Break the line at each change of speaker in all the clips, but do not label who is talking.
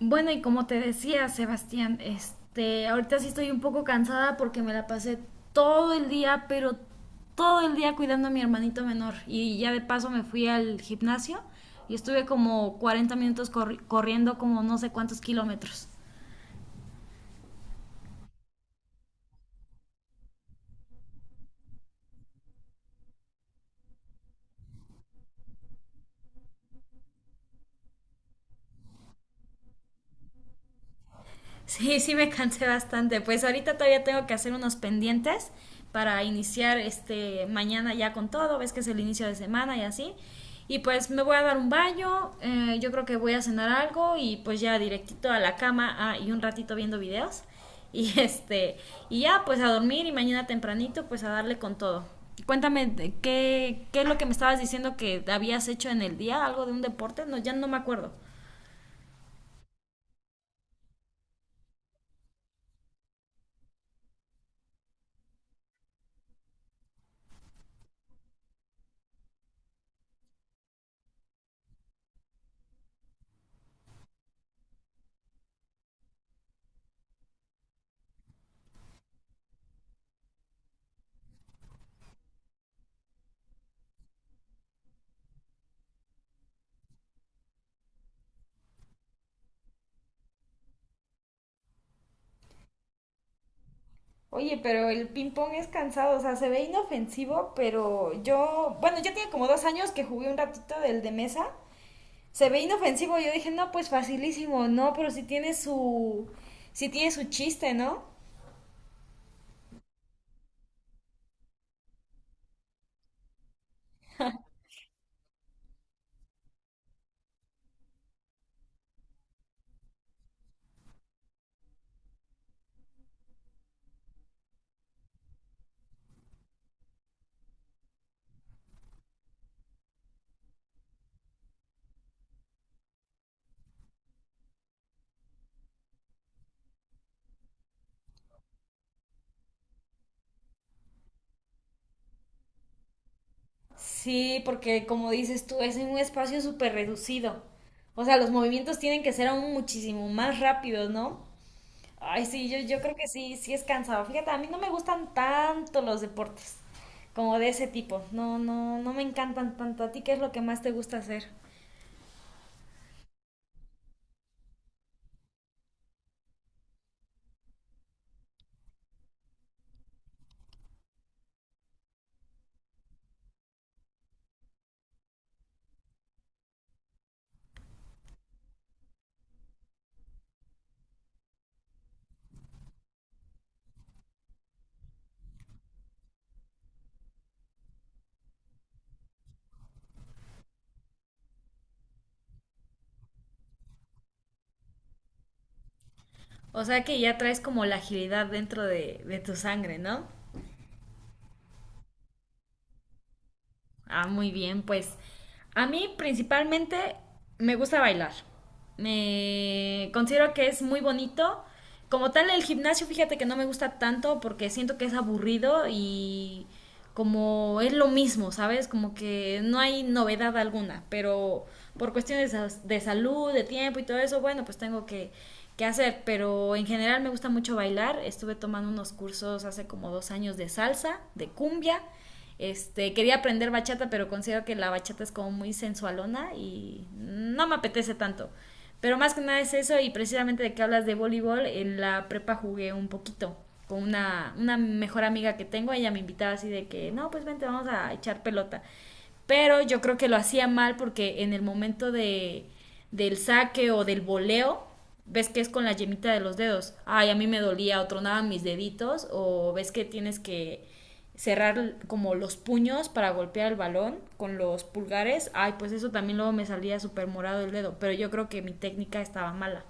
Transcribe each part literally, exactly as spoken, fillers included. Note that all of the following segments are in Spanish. Bueno, y como te decía, Sebastián, este, ahorita sí estoy un poco cansada porque me la pasé todo el día, pero todo el día cuidando a mi hermanito menor. Y ya de paso me fui al gimnasio y estuve como cuarenta minutos corri- corriendo como no sé cuántos kilómetros. Sí, sí me cansé bastante. Pues ahorita todavía tengo que hacer unos pendientes para iniciar este mañana ya con todo, ves que es el inicio de semana y así. Y pues me voy a dar un baño, eh, yo creo que voy a cenar algo y pues ya directito a la cama, ah, y un ratito viendo videos. Y este, y ya pues a dormir y mañana tempranito pues a darle con todo. Cuéntame, ¿de ¿qué, qué es lo que me estabas diciendo que habías hecho en el día? ¿Algo de un deporte? No, ya no me acuerdo. Oye, pero el ping pong es cansado, o sea, se ve inofensivo, pero yo, bueno, yo tenía como dos años que jugué un ratito del de mesa, se ve inofensivo, yo dije, no, pues facilísimo, no, pero sí tiene su, sí tiene su chiste, ¿no? Sí, porque como dices tú, es en un espacio súper reducido, o sea, los movimientos tienen que ser aún muchísimo más rápidos, ¿no? Ay, sí, yo, yo creo que sí, sí es cansado. Fíjate, a mí no me gustan tanto los deportes como de ese tipo. No, no, no me encantan tanto. ¿A ti qué es lo que más te gusta hacer? O sea que ya traes como la agilidad dentro de, de tu sangre, ¿no? Ah, muy bien, pues a mí principalmente me gusta bailar. Me considero que es muy bonito. Como tal, el gimnasio, fíjate que no me gusta tanto porque siento que es aburrido y como es lo mismo, ¿sabes? Como que no hay novedad alguna, pero por cuestiones de, de salud, de tiempo y todo eso, bueno, pues tengo que, que hacer. Pero en general me gusta mucho bailar. Estuve tomando unos cursos hace como dos años de salsa, de cumbia este, quería aprender bachata, pero considero que la bachata es como muy sensualona y no me apetece tanto. Pero más que nada es eso y precisamente de que hablas de voleibol, en la prepa jugué un poquito con una, una mejor amiga que tengo, ella me invitaba así de que, no, pues vente, vamos a echar pelota. Pero yo creo que lo hacía mal porque en el momento de, del saque o del voleo, ves que es con la yemita de los dedos, ay, a mí me dolía o tronaban mis deditos, o ves que tienes que cerrar como los puños para golpear el balón con los pulgares, ay, pues eso también luego me salía súper morado el dedo, pero yo creo que mi técnica estaba mala.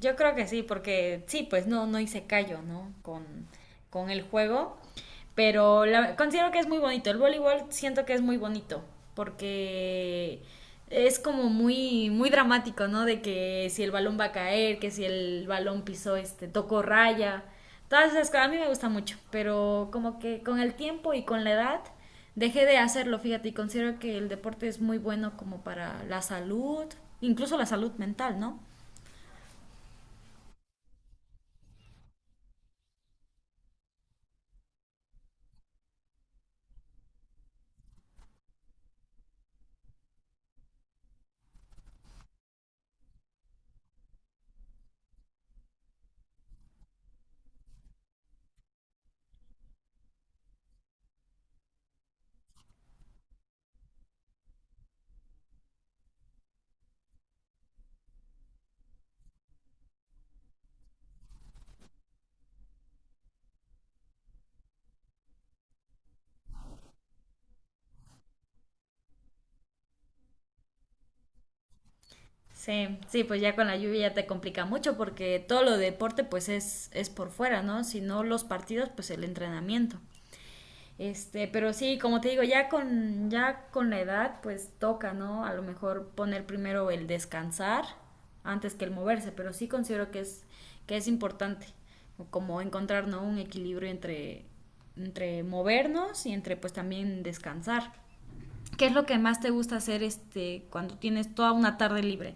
Yo creo que sí, porque sí, pues no, no hice callo, ¿no? Con, con el juego. Pero la- considero que es muy bonito. El voleibol siento que es muy bonito. Porque es como muy, muy dramático, ¿no? De que si el balón va a caer, que si el balón pisó, este, tocó raya. Todas esas cosas. A mí me gusta mucho. Pero como que con el tiempo y con la edad dejé de hacerlo, fíjate. Y considero que el deporte es muy bueno como para la salud, incluso la salud mental, ¿no? Sí, sí, pues ya con la lluvia ya te complica mucho porque todo lo de deporte pues es, es por fuera, ¿no? Si no los partidos, pues el entrenamiento. Este, pero sí, como te digo, ya con, ya con la edad pues toca, ¿no? A lo mejor poner primero el descansar antes que el moverse, pero sí considero que es, que es importante como encontrar, ¿no? Un equilibrio entre, entre movernos y entre pues también descansar. ¿Qué es lo que más te gusta hacer este, cuando tienes toda una tarde libre?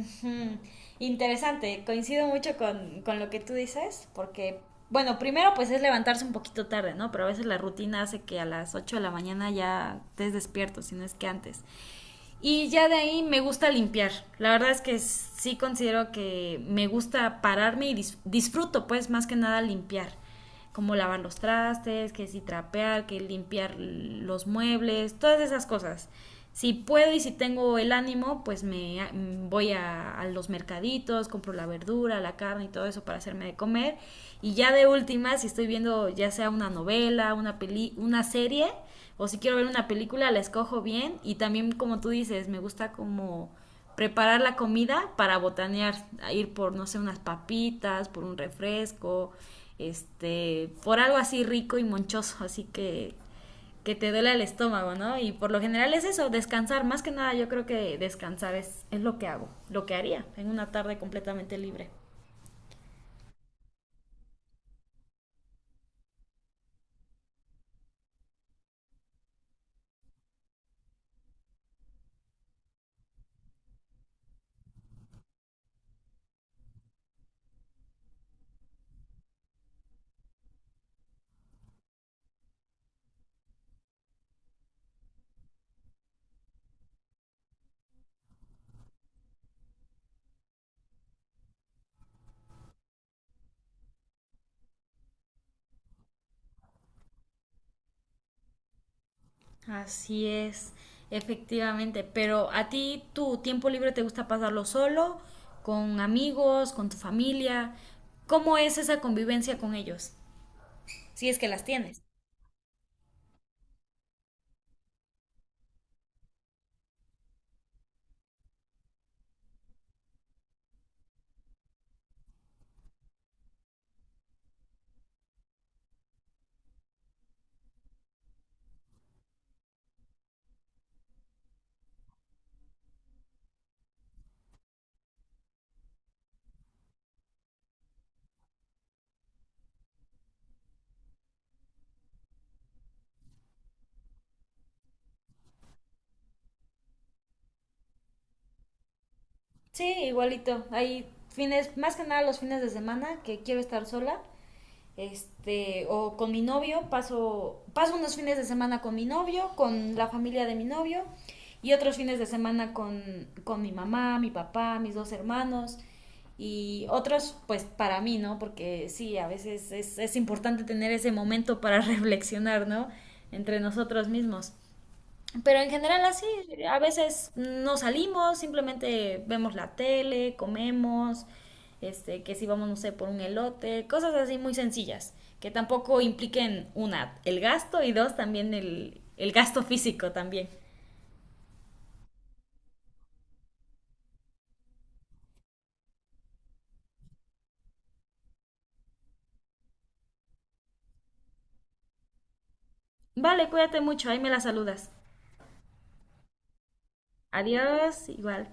Ujú. Interesante, coincido mucho con, con lo que tú dices, porque, bueno, primero pues es levantarse un poquito tarde, ¿no? Pero a veces la rutina hace que a las ocho de la mañana ya estés despierto, si no es que antes. Y ya de ahí me gusta limpiar. La verdad es que sí considero que me gusta pararme y dis- disfruto pues más que nada limpiar como lavar los trastes, que si trapear, que limpiar los muebles, todas esas cosas. Si puedo y si tengo el ánimo, pues me voy a, a, los mercaditos, compro la verdura, la carne y todo eso para hacerme de comer. Y ya de última, si estoy viendo ya sea una novela, una, peli una serie, o si quiero ver una película, la escojo bien. Y también, como tú dices, me gusta como preparar la comida para botanear, ir por, no sé, unas papitas, por un refresco, este, por algo así rico y monchoso, así que que te duele el estómago, ¿no? Y por lo general es eso, descansar, más que nada yo creo que descansar es, es lo que hago, lo que haría en una tarde completamente libre. Así es, efectivamente, pero a ti tu tiempo libre te gusta pasarlo solo, con amigos, con tu familia, ¿cómo es esa convivencia con ellos? Si es que las tienes. Sí, igualito. Hay fines, más que nada los fines de semana que quiero estar sola. Este, o con mi novio, paso, paso unos fines de semana con mi novio, con la familia de mi novio, y otros fines de semana con, con mi mamá, mi papá, mis dos hermanos, y otros pues para mí, ¿no? Porque sí, a veces es, es importante tener ese momento para reflexionar, ¿no? Entre nosotros mismos. Pero en general así, a veces no salimos, simplemente vemos la tele, comemos, este, que si vamos, no sé, por un elote, cosas así muy sencillas, que tampoco impliquen, una, el gasto y dos, también el, el gasto físico también. Vale, cuídate mucho, ahí me la saludas. Adiós, igual.